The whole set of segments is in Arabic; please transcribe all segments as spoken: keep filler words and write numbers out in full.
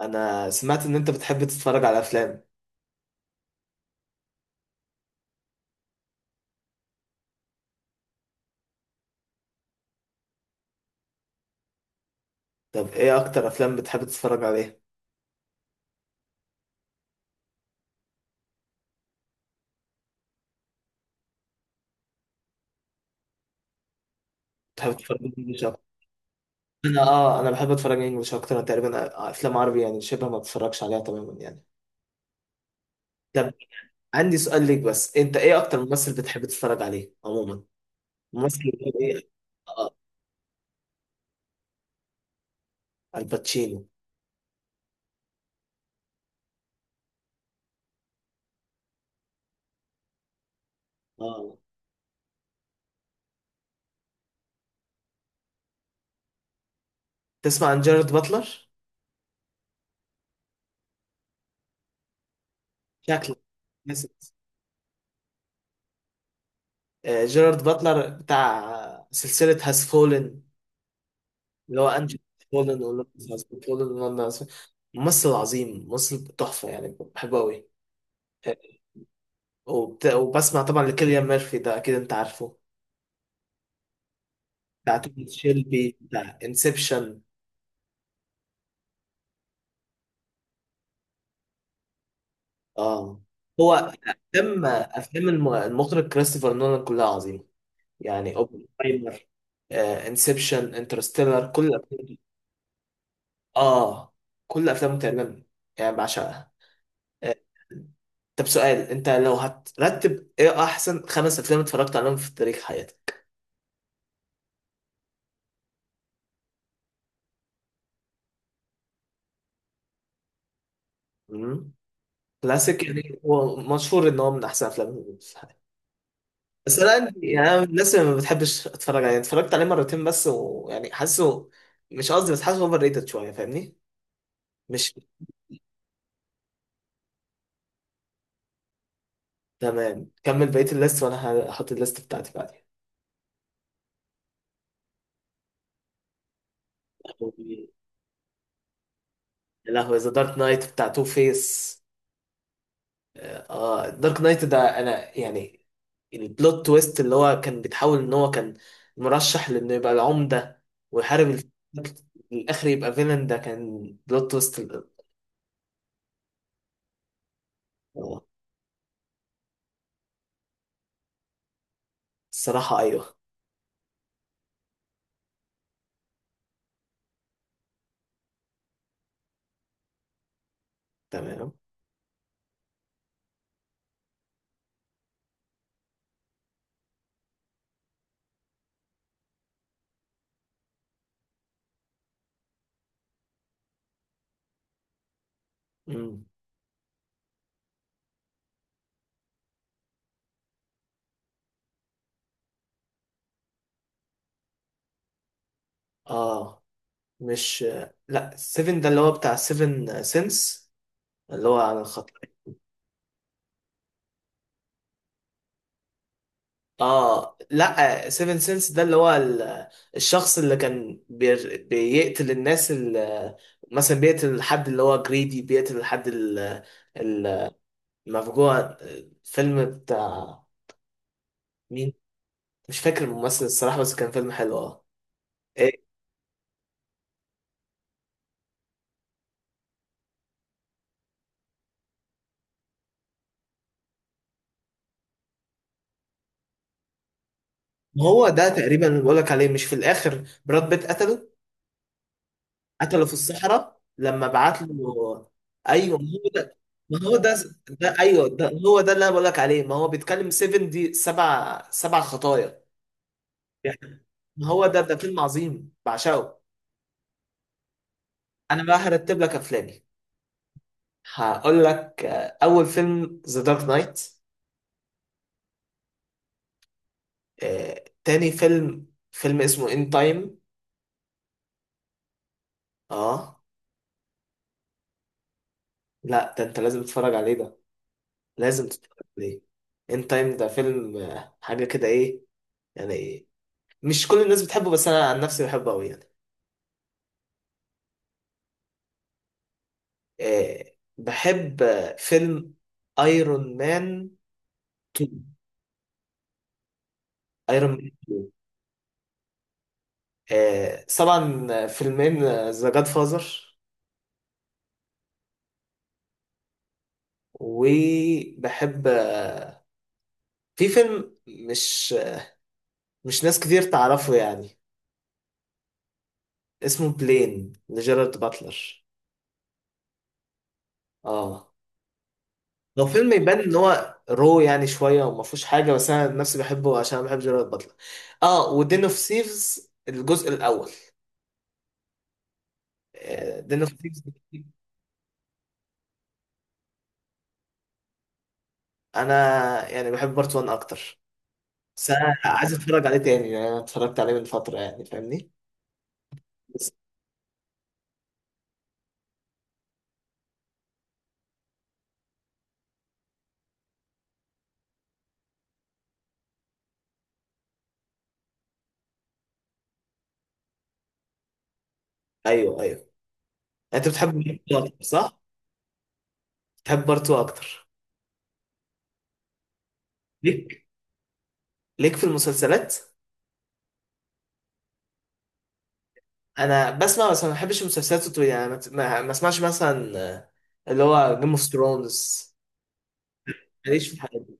انا سمعت ان انت بتحب تتفرج على افلام. طب ايه اكتر افلام بتحب تتفرج عليها؟ بتحب تتفرج انجلش اكتر؟ انا اه انا بحب اتفرج انجلش اكتر. أنا تقريبا افلام عربي يعني شبه ما بتفرجش عليها تماما يعني. طب عندي سؤال ليك، بس انت ايه اكتر ممثل بتحب تتفرج عليه عموما؟ ممثل يكون ايه؟ اه، آه، الباتشينو. اه، تسمع عن جيرارد باتلر؟ شكله نسيت. آه، جيرارد باتلر بتاع سلسلة هاز فولن، اللي هو انجي فولن ولندن. ممثل عظيم، ممثل تحفه يعني بحبه قوي. وبت... وبسمع طبعا لكيليان ميرفي، ده اكيد انت عارفه. بتاع توماس شيلبي، بتاع انسبشن. اه، هو افلام افلام الم- المخرج كريستوفر نولان كلها عظيمه، يعني اوبنهايمر، آه، انسبشن، انترستيلر، كل الافلام دي. اه، كل افلامه تقريبا يعني بعشقها. آه، طب سؤال: انت لو هترتب، ايه احسن خمس افلام اتفرجت عليهم في تاريخ حياتك؟ امم كلاسيك يعني، هو مشهور ان هو من احسن افلام في الحياه. بس انا عندي- يعني انا من الناس اللي ما بتحبش اتفرج عليه، اتفرجت عليه مرتين بس، ويعني حاسه، مش قصدي، بس حاسه اوفر ريتد شويه، فاهمني؟ مش تمام، كمل بقيه الليست وانا هحط الليست بتاعتي بعدين. يا لهوي، ذا دارك نايت بتاع تو فيس. اه دارك نايت ده، انا يعني البلوت تويست اللي هو كان بيتحول ان هو كان مرشح لانه يبقى العمدة ويحارب الفيلن، في الاخر يبقى فيلن، ده كان بلوت تويست ال- آه، الصراحة ايوه. تمام. مم. اه مش، لا، سيفن ده اللي هو بتاع سيفن سينس اللي هو عن الخطايا. اه لا، سيفن سينس ده اللي هو ال- الشخص اللي كان بير- بيقتل الناس اللي مثلا بيقتل الحد اللي هو جريدي، بيقتل الحد ال- المفجوع، فيلم بتاع مين؟ مش فاكر الممثل الصراحة بس كان فيلم حلو، اه. إيه، هو ده تقريبا اللي بقولك عليه، مش في الآخر براد بيت قتله؟ قتله في الصحراء لما بعت له. ايوه ما هو ده. ما هو ده، ده ايوه ده هو ده اللي انا بقولك عليه، ما هو بيتكلم سبعة، دي سبع سبع خطايا يعني. هو ده ده فيلم عظيم بعشقه. انا بقى هرتب لك افلامي. هقول لك: آه، اول فيلم ذا دارك نايت. تاني فيلم فيلم اسمه ان تايم. اه لا ده، انت لازم تتفرج عليه ده، لازم تتفرج عليه. ان تايم ده فيلم آه، حاجه كده، ايه يعني، إيه؟ مش كل الناس بتحبه بس انا عن نفسي بحبه قوي يعني. آه، بحب آه، فيلم ايرون مان اتنين، ايرون مان. آه، طبعا فيلمين ذا جاد فازر. وبحب آه، في فيلم مش، مش ناس كتير تعرفه يعني. اسمه بلين، لجيرارد باتلر. اه، هو فيلم يبان ان هو رو يعني شويه وما فيهوش حاجه، بس انا نفسي بحبه عشان انا بحب جيرارد باتلر. اه، ودين اوف سيفز الجزء الاول. دين اوف سيفز. انا يعني بحب بارت واحد اكتر، بس انا عايز اتفرج عليه تاني، يعني انا اتفرجت عليه من فتره يعني فاهمني. بس- ايوه ايوه، انت بتحب بارتو اكتر صح؟ بتحب بارتو اكتر؟ ليك، ليك في المسلسلات. انا بسمع بس ما بحبش المسلسلات الطويله، يعني ما ما- ما اسمعش مثلا آه، اللي هو جيم اوف ثرونز. ماليش في الحاجات دي.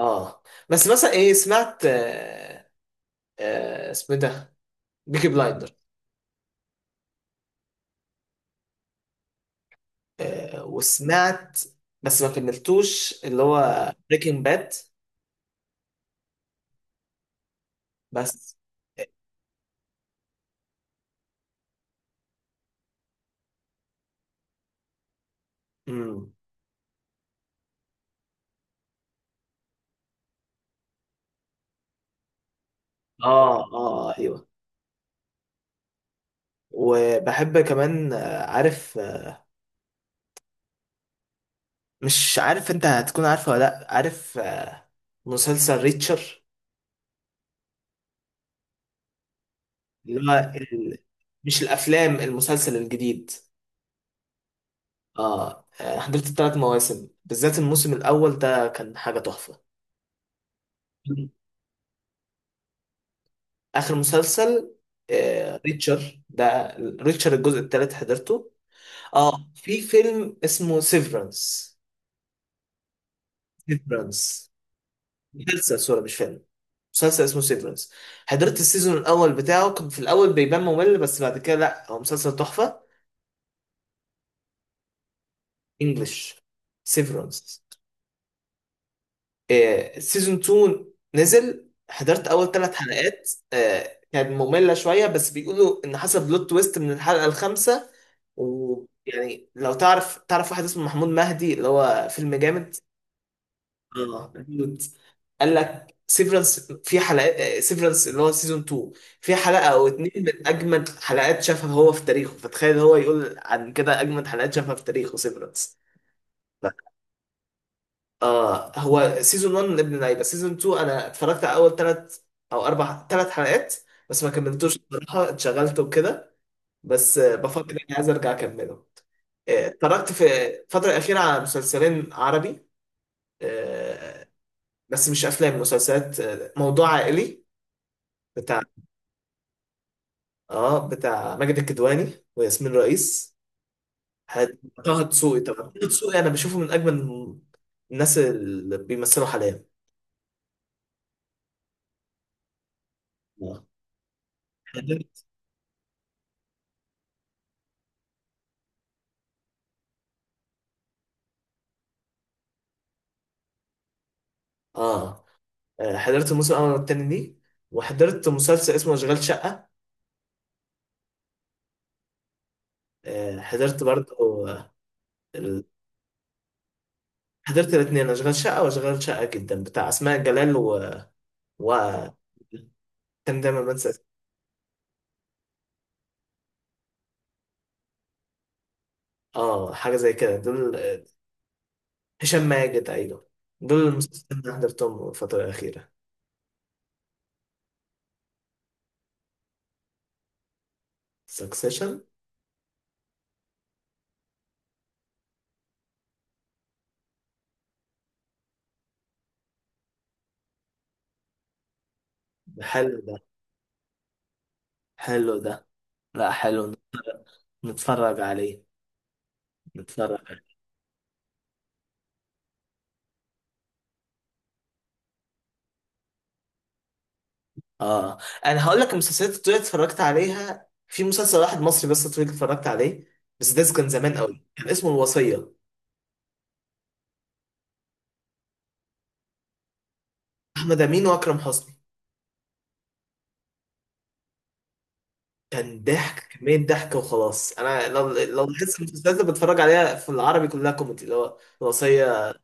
اه، بس مثلا ايه، سمعت آه، آه، اسمه إيه ده، بيكي بلايندر. آه، وسمعت بس ما كملتوش اللي هو بريكنج باد. بس، امم، اه اه، آه، ايوه. وبحب كمان آه، عارف، مش عارف انت هتكون عارفه ولا لا، عارف آه، مسلسل ريتشر. اللي هو ال... مش الافلام، المسلسل الجديد. اه، آه، حضرت الثلاث مواسم، بالذات الموسم الاول ده كان حاجه تحفه. اخر مسلسل، آه، ريتشر ده. ريتشر الجزء الثالث حضرته. اه، في فيلم اسمه سيفرنس. سيفرنس. مسلسل سوري مش فيلم. مسلسل اسمه سيفرنس. حضرت السيزون الاول بتاعه، كان في الاول بيبان ممل بس بعد كده لا، هو مسلسل تحفه. انجلش. سيفرنس. سيزون اتنين نزل، حضرت اول ثلاث حلقات، آه، كانت مملة شوية بس بيقولوا ان حصل بلوت تويست من الحلقة الخامسة. ويعني لو تعرف، تعرف واحد اسمه محمود مهدي، اللي هو فيلم جامد. اه محمود. قال لك سيفرنس، في حلقة سيفرنس اللي هو سيزون اتنين، في حلقة او اتنين من اجمد حلقات شافها هو في تاريخه، فتخيل هو يقول عن كده اجمد حلقات شافها في تاريخه سيفرنس. اه، هو سيزون واحد من ابن اللعيبه، سيزون اثنين انا اتفرجت على اول ثلاث او اربع، ثلاث حلقات بس ما كملتوش بصراحه، اتشغلت وكده. بس آه، بفكر اني عايز ارجع اكمله. آه، اتفرجت في الفتره الاخيره على مسلسلين عربي، آه، بس مش افلام مسلسلات، آه، موضوع عائلي بتاع اه بتاع ماجد الكدواني وياسمين رئيس. حد- طه دسوقي طبعا، طه دسوقي انا بشوفه من اجمل الناس اللي بيمثلوا حاليا. اه اه، آه، حضرت الموسم الاول والتاني دي، وحضرت مسلسل اسمه اشغال شقه. آه، حضرت برضه. آه، ال- حضرت الاثنين، اشغال شقه واشغال شقه جدا، بتاع اسماء جلال و, و... كان دايما بنسى اسمه. اه حاجه زي كده دول، آه، هشام ماجد ايوه. دول المسلسلين اللي حضرتهم الفتره الاخيره. سكسيشن. حلو ده، حلو ده، لا حلو، نتفرج عليه، نتفرج. اه، انا هقول لك المسلسلات الطويله اتفرجت عليها في مسلسل واحد مصري بس طويل اتفرجت عليه، بس ده كان زمان قوي، كان اسمه الوصيه. احمد امين واكرم حسني. كان ضحك، كميه ضحك وخلاص، انا لو لو بحس المسلسلات اللي بتفرج عليها في العربي كلها كوميدي، اللي هو الوصيه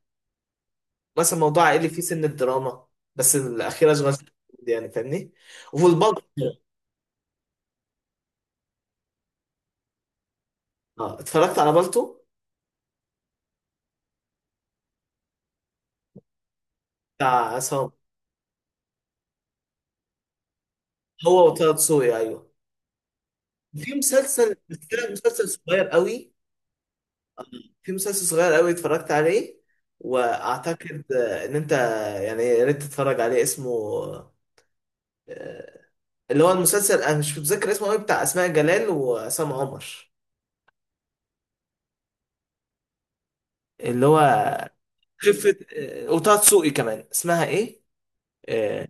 مثلا موضوع عائلي فيه سن الدراما، بس الاخيره اشغال شقة كوميدي يعني فاهمني. والبلطو. اه، اتفرجت على بلطو بتاع عصام. هو وطه دسوقي ايوه. في مسلسل، بس ده مسلسل صغير قوي. في مسلسل صغير قوي اتفرجت عليه، واعتقد آه، ان انت يعني يا ريت تتفرج عليه. اسمه، آه، اللي هو المسلسل انا مش متذكر اسمه قوي، بتاع اسماء جلال وعصام عمر، اللي هو خفة، آه، وطه دسوقي كمان، اسمها ايه، آه،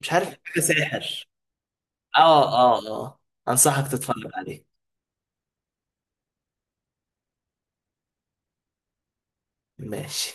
مش عارف حاجة ساحر. اه اه اه، انصحك تتفرج عليه. ماشي.